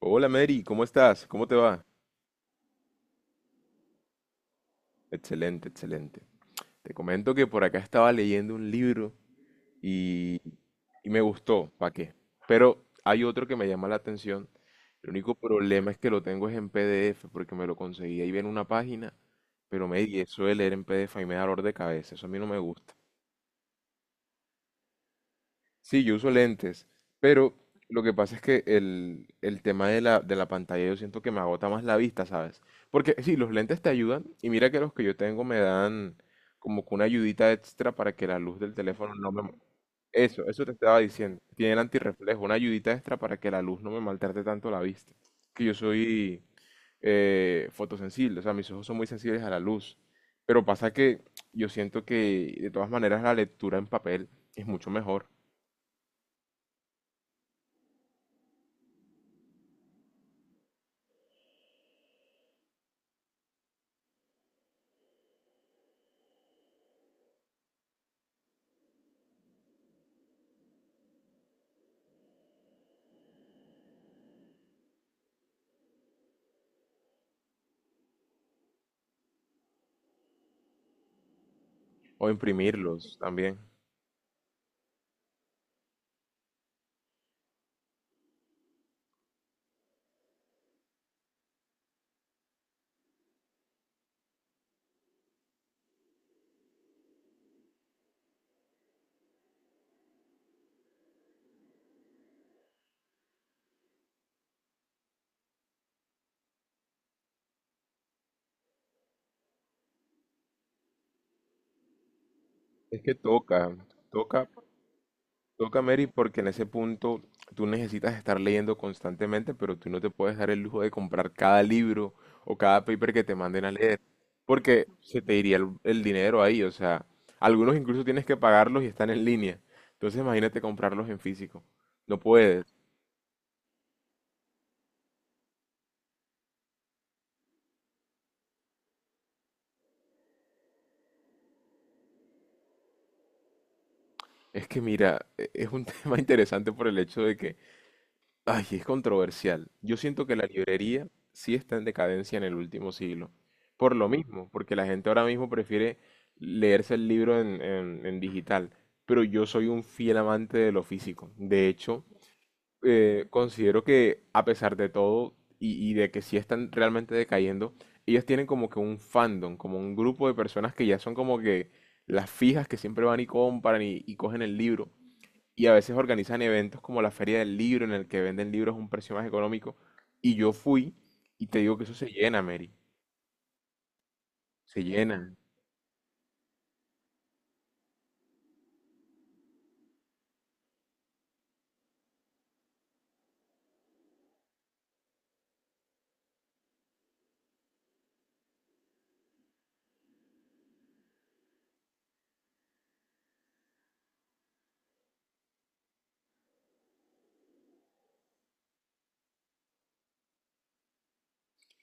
Hola Mary, ¿cómo estás? ¿Cómo te va? Excelente, excelente. Te comento que por acá estaba leyendo un libro y, y me gustó, ¿para qué? Pero hay otro que me llama la atención. El único problema es que lo tengo es en PDF porque me lo conseguí ahí en una página, pero Mary, eso de leer en PDF ahí me da dolor de cabeza, eso a mí no me gusta. Sí, yo uso lentes, pero lo que pasa es que el tema de la pantalla yo siento que me agota más la vista, ¿sabes? Porque sí, los lentes te ayudan y mira que los que yo tengo me dan como que una ayudita extra para que la luz del teléfono no me. Eso te estaba diciendo. Tienen antirreflejo, una ayudita extra para que la luz no me maltrate tanto la vista. Que yo soy fotosensible, o sea, mis ojos son muy sensibles a la luz. Pero pasa que yo siento que de todas maneras la lectura en papel es mucho mejor. O imprimirlos también. Es que toca, toca, toca, Mary, porque en ese punto tú necesitas estar leyendo constantemente, pero tú no te puedes dar el lujo de comprar cada libro o cada paper que te manden a leer, porque se te iría el dinero ahí, o sea, algunos incluso tienes que pagarlos y están en línea. Entonces imagínate comprarlos en físico. No puedes. Es que mira, es un tema interesante por el hecho de que ay, es controversial. Yo siento que la librería sí está en decadencia en el último siglo. Por lo mismo, porque la gente ahora mismo prefiere leerse el libro en digital. Pero yo soy un fiel amante de lo físico. De hecho, considero que a pesar de todo y de que sí están realmente decayendo, ellas tienen como que un fandom, como un grupo de personas que ya son como que las fijas que siempre van y compran y cogen el libro y a veces organizan eventos como la Feria del Libro, en el que venden libros a un precio más económico. Y yo fui y te digo que eso se llena, Mary. Se llena.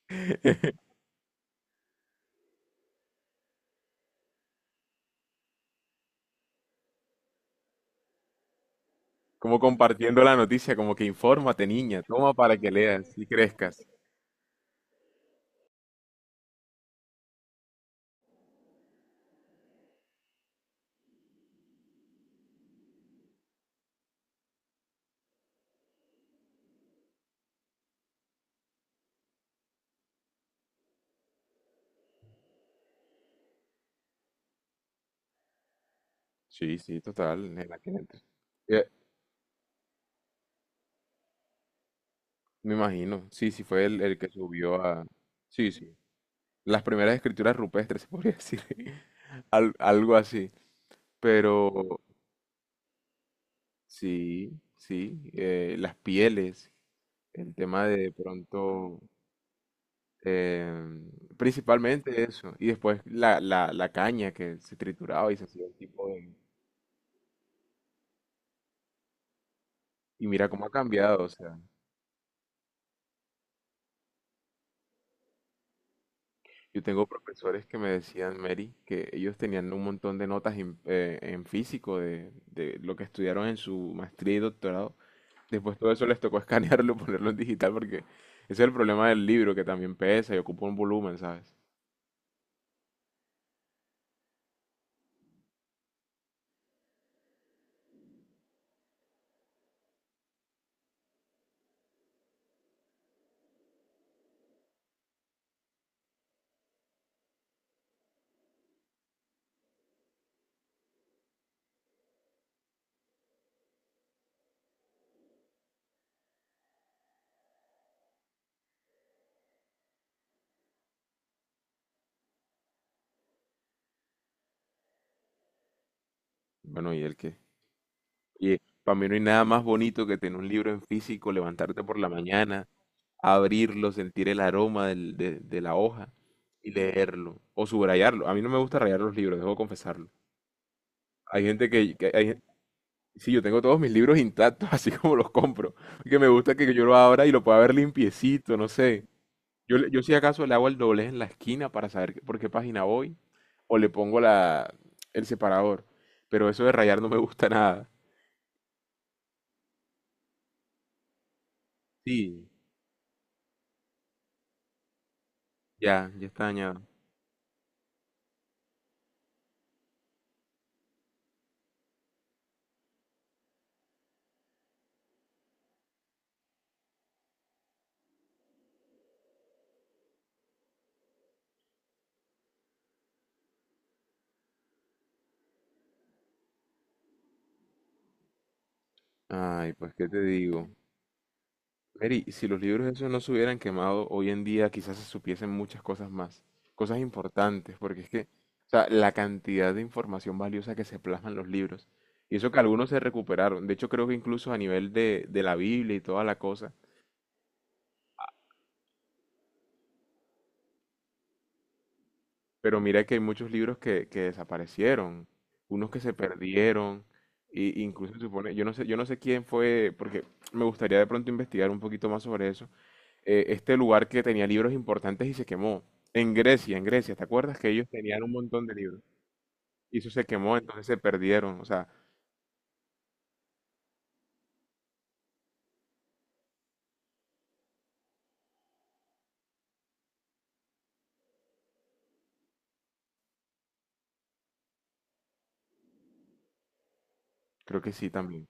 Como compartiendo la noticia, como que infórmate, niña, toma para que leas y crezcas. Sí, sí, total, en la que. Eh, Me imagino, sí, sí, fue el que subió a. Sí, sí. Las primeras escrituras rupestres, se podría decir. Algo así. Pero sí, sí, las pieles. El tema de pronto, em, principalmente eso, y después la caña que se trituraba y se hacía un tipo de. Y mira cómo ha cambiado, o sea, yo tengo profesores que me decían, Mary, que ellos tenían un montón de notas en físico de lo que estudiaron en su maestría y doctorado, después todo eso les tocó escanearlo, ponerlo en digital, porque ese es el problema del libro, que también pesa y ocupa un volumen, ¿sabes? Bueno, y el que Oye, para mí no hay nada más bonito que tener un libro en físico, levantarte por la mañana, abrirlo, sentir el aroma de la hoja y leerlo o subrayarlo. A mí no me gusta rayar los libros, debo confesarlo. Hay gente que, sí, yo tengo todos mis libros intactos, así como los compro, que me gusta que yo lo abra y lo pueda ver limpiecito, no sé. Yo si acaso le hago el doblez en la esquina para saber por qué página voy o le pongo la, el separador, pero eso de rayar no me gusta nada. Sí, ya, ya está dañado. Ay, pues qué te digo. Mary, si los libros esos no se hubieran quemado, hoy en día quizás se supiesen muchas cosas más, cosas importantes, porque es que, o sea, la cantidad de información valiosa que se plasma en los libros, y eso que algunos se recuperaron, de hecho creo que incluso a nivel de la Biblia y toda la cosa, pero mira que hay muchos libros que desaparecieron, unos que se perdieron, y incluso se supone, yo no sé quién fue, porque me gustaría de pronto investigar un poquito más sobre eso, este lugar que tenía libros importantes y se quemó. En Grecia, ¿te acuerdas que ellos tenían un montón de libros? Y eso se quemó, entonces se perdieron. O sea, creo que sí también.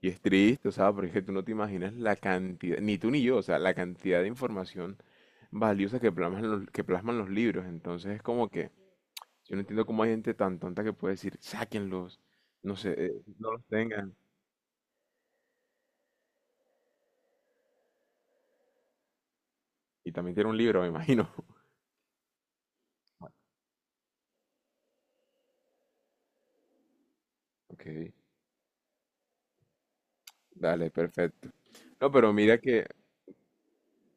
Y es triste, o sea, porque tú no te imaginas la cantidad, ni tú ni yo, o sea, la cantidad de información valiosa que plasman los libros. Entonces es como que yo no entiendo cómo hay gente tan tonta que puede decir, sáquenlos, no sé, no los tengan. Y también tiene un libro, me imagino. Ok, dale, perfecto. No, pero mira que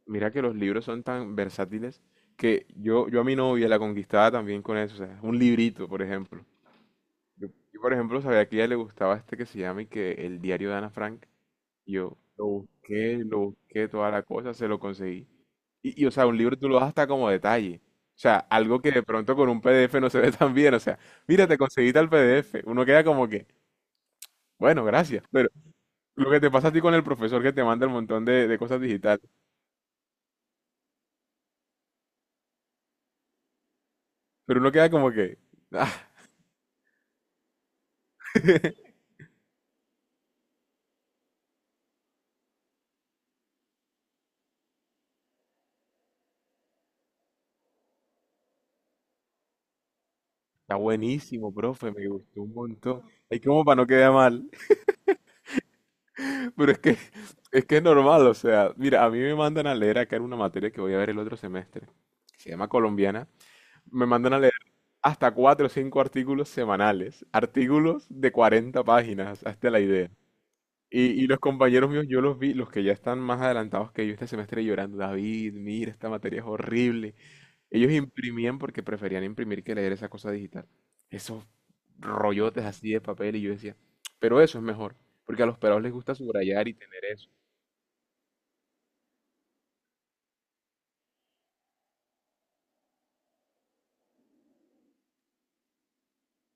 Mira que los libros son tan versátiles que yo a mi novia la conquistaba también con eso, o sea, un librito, por ejemplo. Yo, por ejemplo, sabía que a ella le gustaba este que se llama y que El diario de Ana Frank. Y yo lo busqué, toda la cosa, se lo conseguí. Y, o sea, un libro tú lo das hasta como detalle. O sea, algo que de pronto con un PDF no se ve tan bien. O sea, mira, te conseguí tal PDF. Uno queda como que, bueno, gracias. Pero lo que te pasa a ti con el profesor que te manda el montón de cosas digitales. Pero uno queda como que, ah. Está buenísimo, profe, me gustó un montón. Hay como para no quedar mal, pero es que es normal, o sea, mira, a mí me mandan a leer acá en una materia que voy a ver el otro semestre, que se llama colombiana, me mandan a leer hasta cuatro o cinco artículos semanales, artículos de 40 páginas, hasta la idea. Y los compañeros míos, yo los vi, los que ya están más adelantados que yo este semestre llorando, David, mira, esta materia es horrible. Ellos imprimían porque preferían imprimir que leer esa cosa digital. Esos rollotes así de papel y yo decía, pero eso es mejor, porque a los pelados les gusta subrayar y tener eso.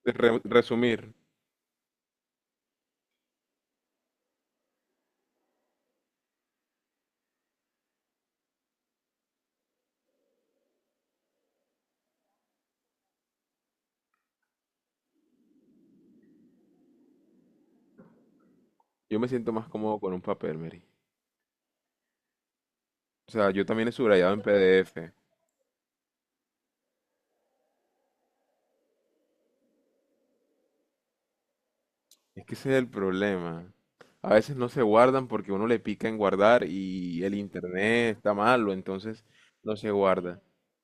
Resumir. Yo me siento más cómodo con un papel, Mary. O sea, yo también he subrayado en PDF, que ese es el problema. A veces no se guardan porque uno le pica en guardar y el internet está malo, entonces no se guarda.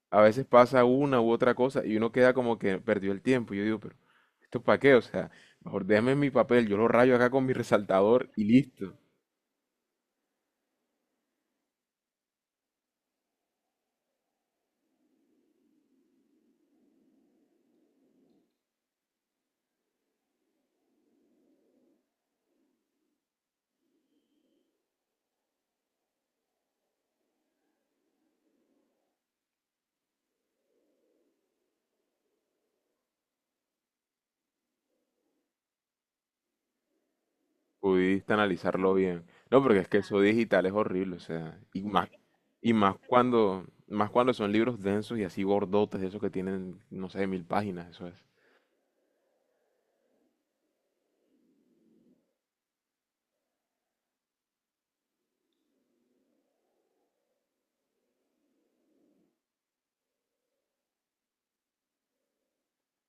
A veces pasa una u otra cosa y uno queda como que perdió el tiempo. Yo digo, pero ¿esto para qué? O sea, mejor déjame mi papel, yo lo rayo acá con mi resaltador y listo. Pudiste analizarlo bien. No, porque es que eso digital es horrible, o sea, y más, y más cuando, son libros densos y así gordotes, esos que tienen, no sé, 1000 páginas, eso es.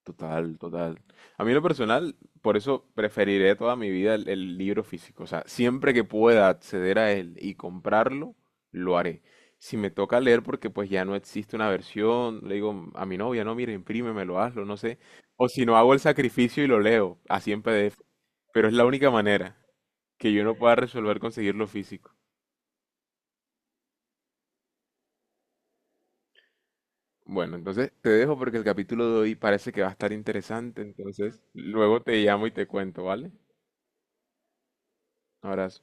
Total, total. A mí en lo personal, por eso preferiré toda mi vida el libro físico. O sea, siempre que pueda acceder a él y comprarlo, lo haré. Si me toca leer porque pues ya no existe una versión, le digo a mi novia, no, mira, imprímemelo, hazlo, no sé. O si no, hago el sacrificio y lo leo, así en PDF. Pero es la única manera que yo no pueda resolver conseguirlo físico. Bueno, entonces te dejo porque el capítulo de hoy parece que va a estar interesante. Entonces, luego te llamo y te cuento, ¿vale? Abrazo.